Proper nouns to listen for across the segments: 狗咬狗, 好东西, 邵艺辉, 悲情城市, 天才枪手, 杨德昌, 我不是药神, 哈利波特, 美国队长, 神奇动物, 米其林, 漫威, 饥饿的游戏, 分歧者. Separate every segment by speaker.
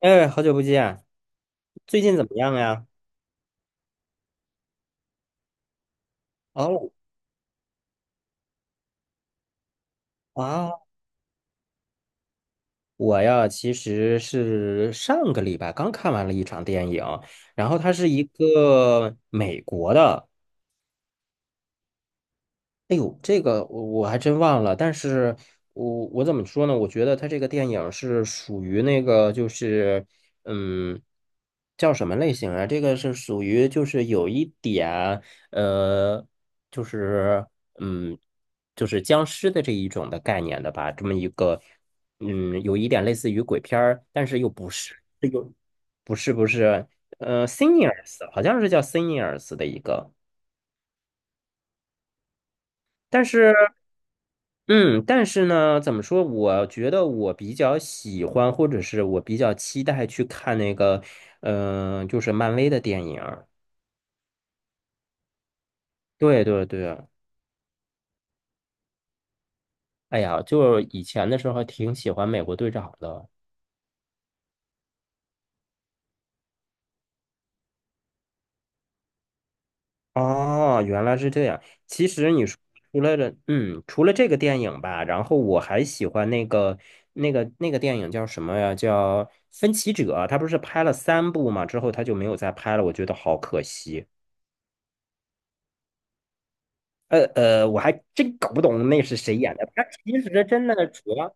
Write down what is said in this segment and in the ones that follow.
Speaker 1: 哎，好久不见，最近怎么样呀？哦啊，我呀，其实是上个礼拜刚看完了一场电影，然后它是一个美国的。哎呦，这个我还真忘了，但是我怎么说呢？我觉得他这个电影是属于那个，嗯，叫什么类型啊？这个是属于就是有一点呃，就是嗯，就是僵尸的这一种的概念的吧，这么一个嗯，有一点类似于鬼片儿，但是又不是。这个不是不是，s e n i o r s 好像是叫 s e n i o r s 的一个。但是嗯，但是呢，怎么说？我觉得我比较喜欢，或者是我比较期待去看那个，就是漫威的电影儿。对对对，哎呀，就以前的时候挺喜欢美国队长的。哦，原来是这样。其实你说除了这个电影吧，然后我还喜欢那个那个电影叫什么呀？叫《分歧者》。他不是拍了三部嘛，之后他就没有再拍了，我觉得好可惜。我还真搞不懂那是谁演的。他其实真的主要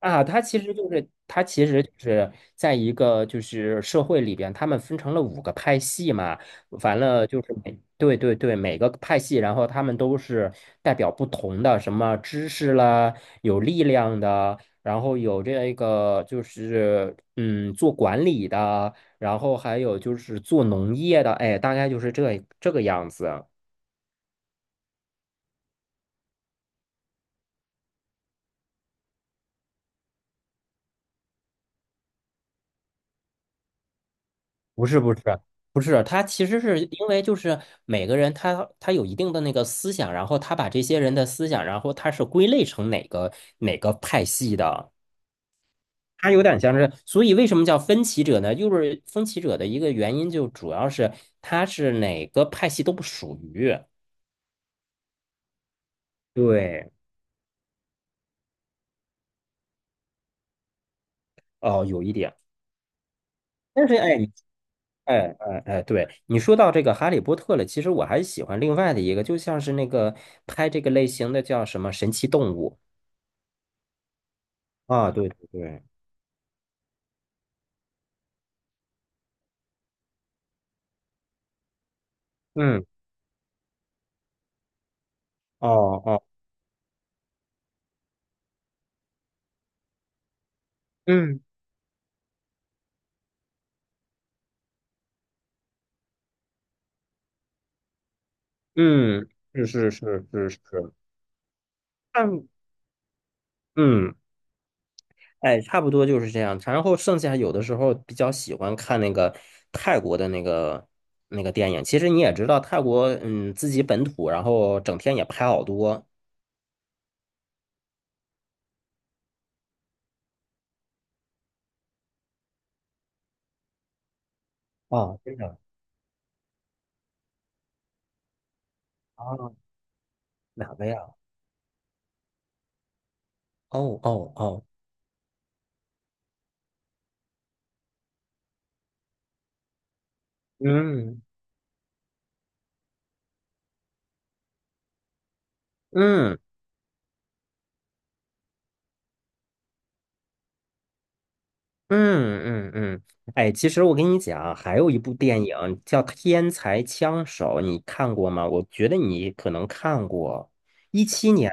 Speaker 1: 啊，他其实就是在一个社会里边，他们分成了五个派系嘛。完了就是对对对，每个派系，然后他们都是代表不同的什么知识啦，有力量的，然后有这个就是做管理的，然后还有就是做农业的，哎，大概就是这个样子。不是不是不是，他其实是因为就是每个人他有一定的那个思想，然后他把这些人的思想，然后他是归类成哪个派系的。他有点像是，所以为什么叫分歧者呢？就是分歧者的一个原因，就主要是他是哪个派系都不属于。对，哦，有一点，但是哎，你哎哎哎，对，你说到这个《哈利波特》了，其实我还喜欢另外的一个，就像是那个拍这个类型的叫什么《神奇动物》。啊，对对对。嗯，哦哦，嗯嗯，是是是是是，嗯嗯，哎，差不多就是这样。然后剩下有的时候比较喜欢看那个泰国的那个电影。其实你也知道，泰国自己本土，然后整天也拍好多。哦，真的啊？哪个呀？哦哦哦，嗯嗯。嗯嗯嗯，哎，其实我跟你讲，还有一部电影叫《天才枪手》，你看过吗？我觉得你可能看过，2017年。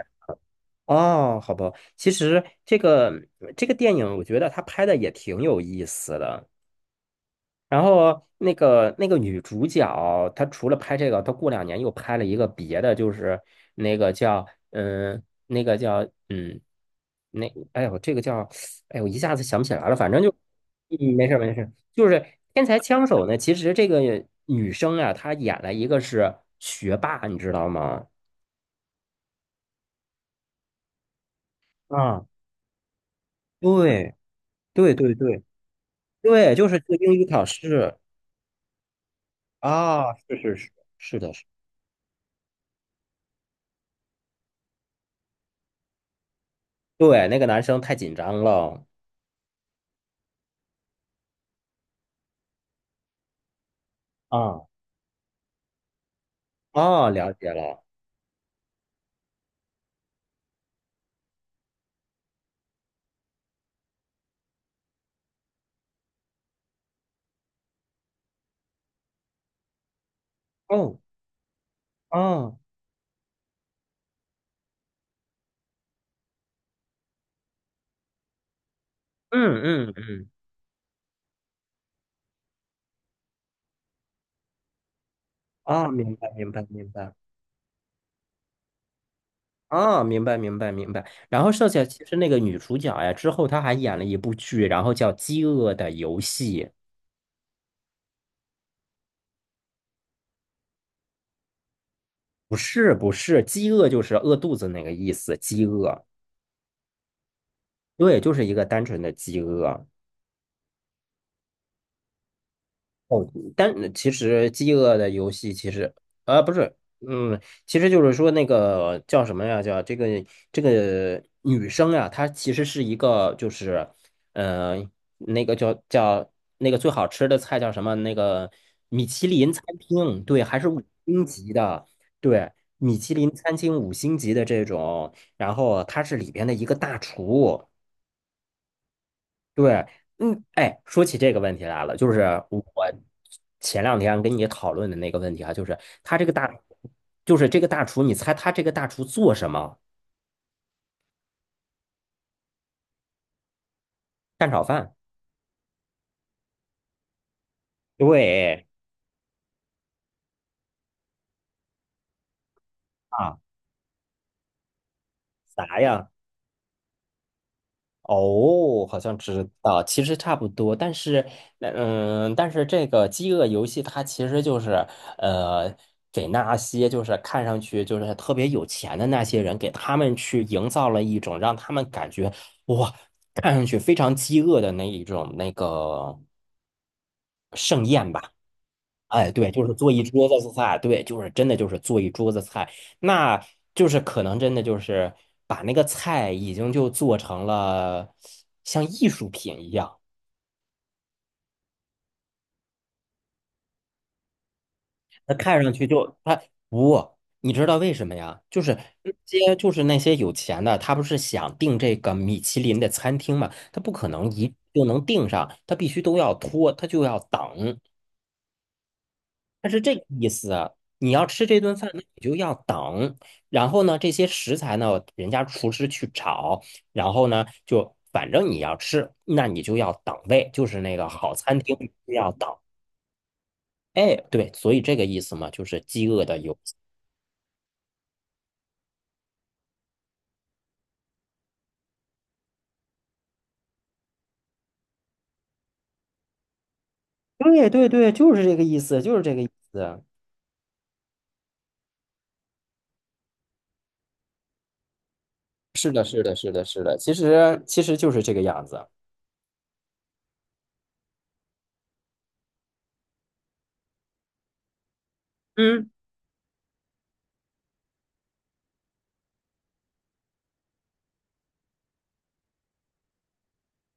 Speaker 1: 哦，好吧。其实这个电影，我觉得他拍的也挺有意思的。然后那个女主角，她除了拍这个，她过两年又拍了一个别的，就是那个叫那个叫嗯，那这个叫我一下子想不起来了。反正就没事儿没事儿，就是天才枪手呢。其实这个女生啊，她演了一个是学霸，你知道吗？啊，对对对对对，就是做英语考试。啊，是是是，是的，是，对，那个男生太紧张了。啊。哦，了解了。哦，哦，嗯嗯嗯，啊，明白明白明白。啊，明白明白明白。然后剩下其实那个女主角呀，之后她还演了一部剧，然后叫《饥饿的游戏》。不是不是，饥饿就是饿肚子那个意思，饥饿。对，就是一个单纯的饥饿。哦，但其实《饥饿的游戏》其实啊不是，其实就是说那个叫什么呀？叫这个女生呀，她其实是一个就是呃那个叫叫那个最好吃的菜叫什么？那个米其林餐厅，对，还是五星级的。对，米其林餐厅五星级的这种，然后她是里边的一个大厨。对，嗯，哎，说起这个问题来了，就是我前两天跟你讨论的那个问题啊，就是他这个大，就是这个大厨，你猜他这个大厨做什么？蛋炒饭。对啊，啥呀？哦，好像知道，其实差不多，但是这个饥饿游戏它其实就是，呃，给那些就是看上去就是特别有钱的那些人，给他们去营造了一种让他们感觉哇，看上去非常饥饿的那一种那个盛宴吧。哎，对，就是做一桌子菜，对，就是真的就是做一桌子菜，那就是可能真的就是把那个菜已经就做成了像艺术品一样。它看上去就它不，你知道为什么呀？就是那些有钱的，他不是想订这个米其林的餐厅嘛，他不可能一就能订上，他必须都要拖，他就要等。它是这个意思啊。你要吃这顿饭，那你就要等。然后呢，这些食材呢，人家厨师去炒。然后呢，就反正你要吃，那你就要等位，就是那个好餐厅你就要等。哎，对，所以这个意思嘛，就是饥饿的游戏。对对对，就是这个意思，就是这个意思。是的，是的，是的，是的，其实就是这个样子。嗯，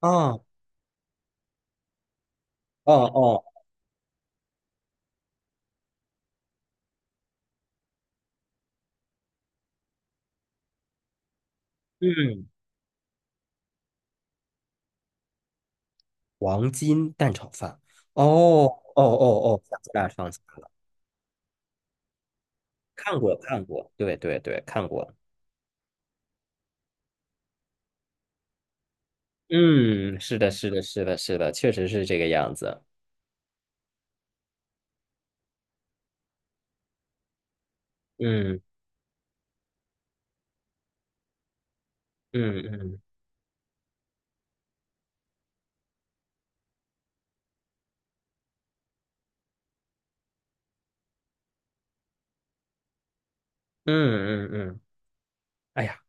Speaker 1: 哦哦哦，嗯，黄金蛋炒饭。哦哦哦哦，想起来了，想起来了。看过看过，对对对，看过。嗯，是的，是的，是的，是的，确实是这个样子。嗯嗯嗯嗯嗯嗯，哎呀，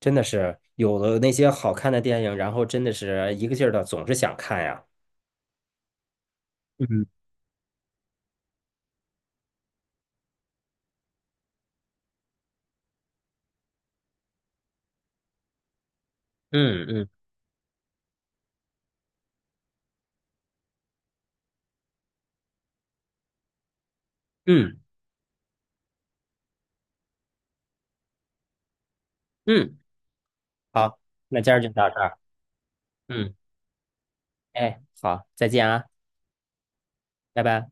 Speaker 1: 真的是有了那些好看的电影，然后真的是一个劲儿的总是想看呀。嗯嗯嗯嗯嗯，好，那今儿就到这儿。嗯，哎，好，再见啊，拜拜。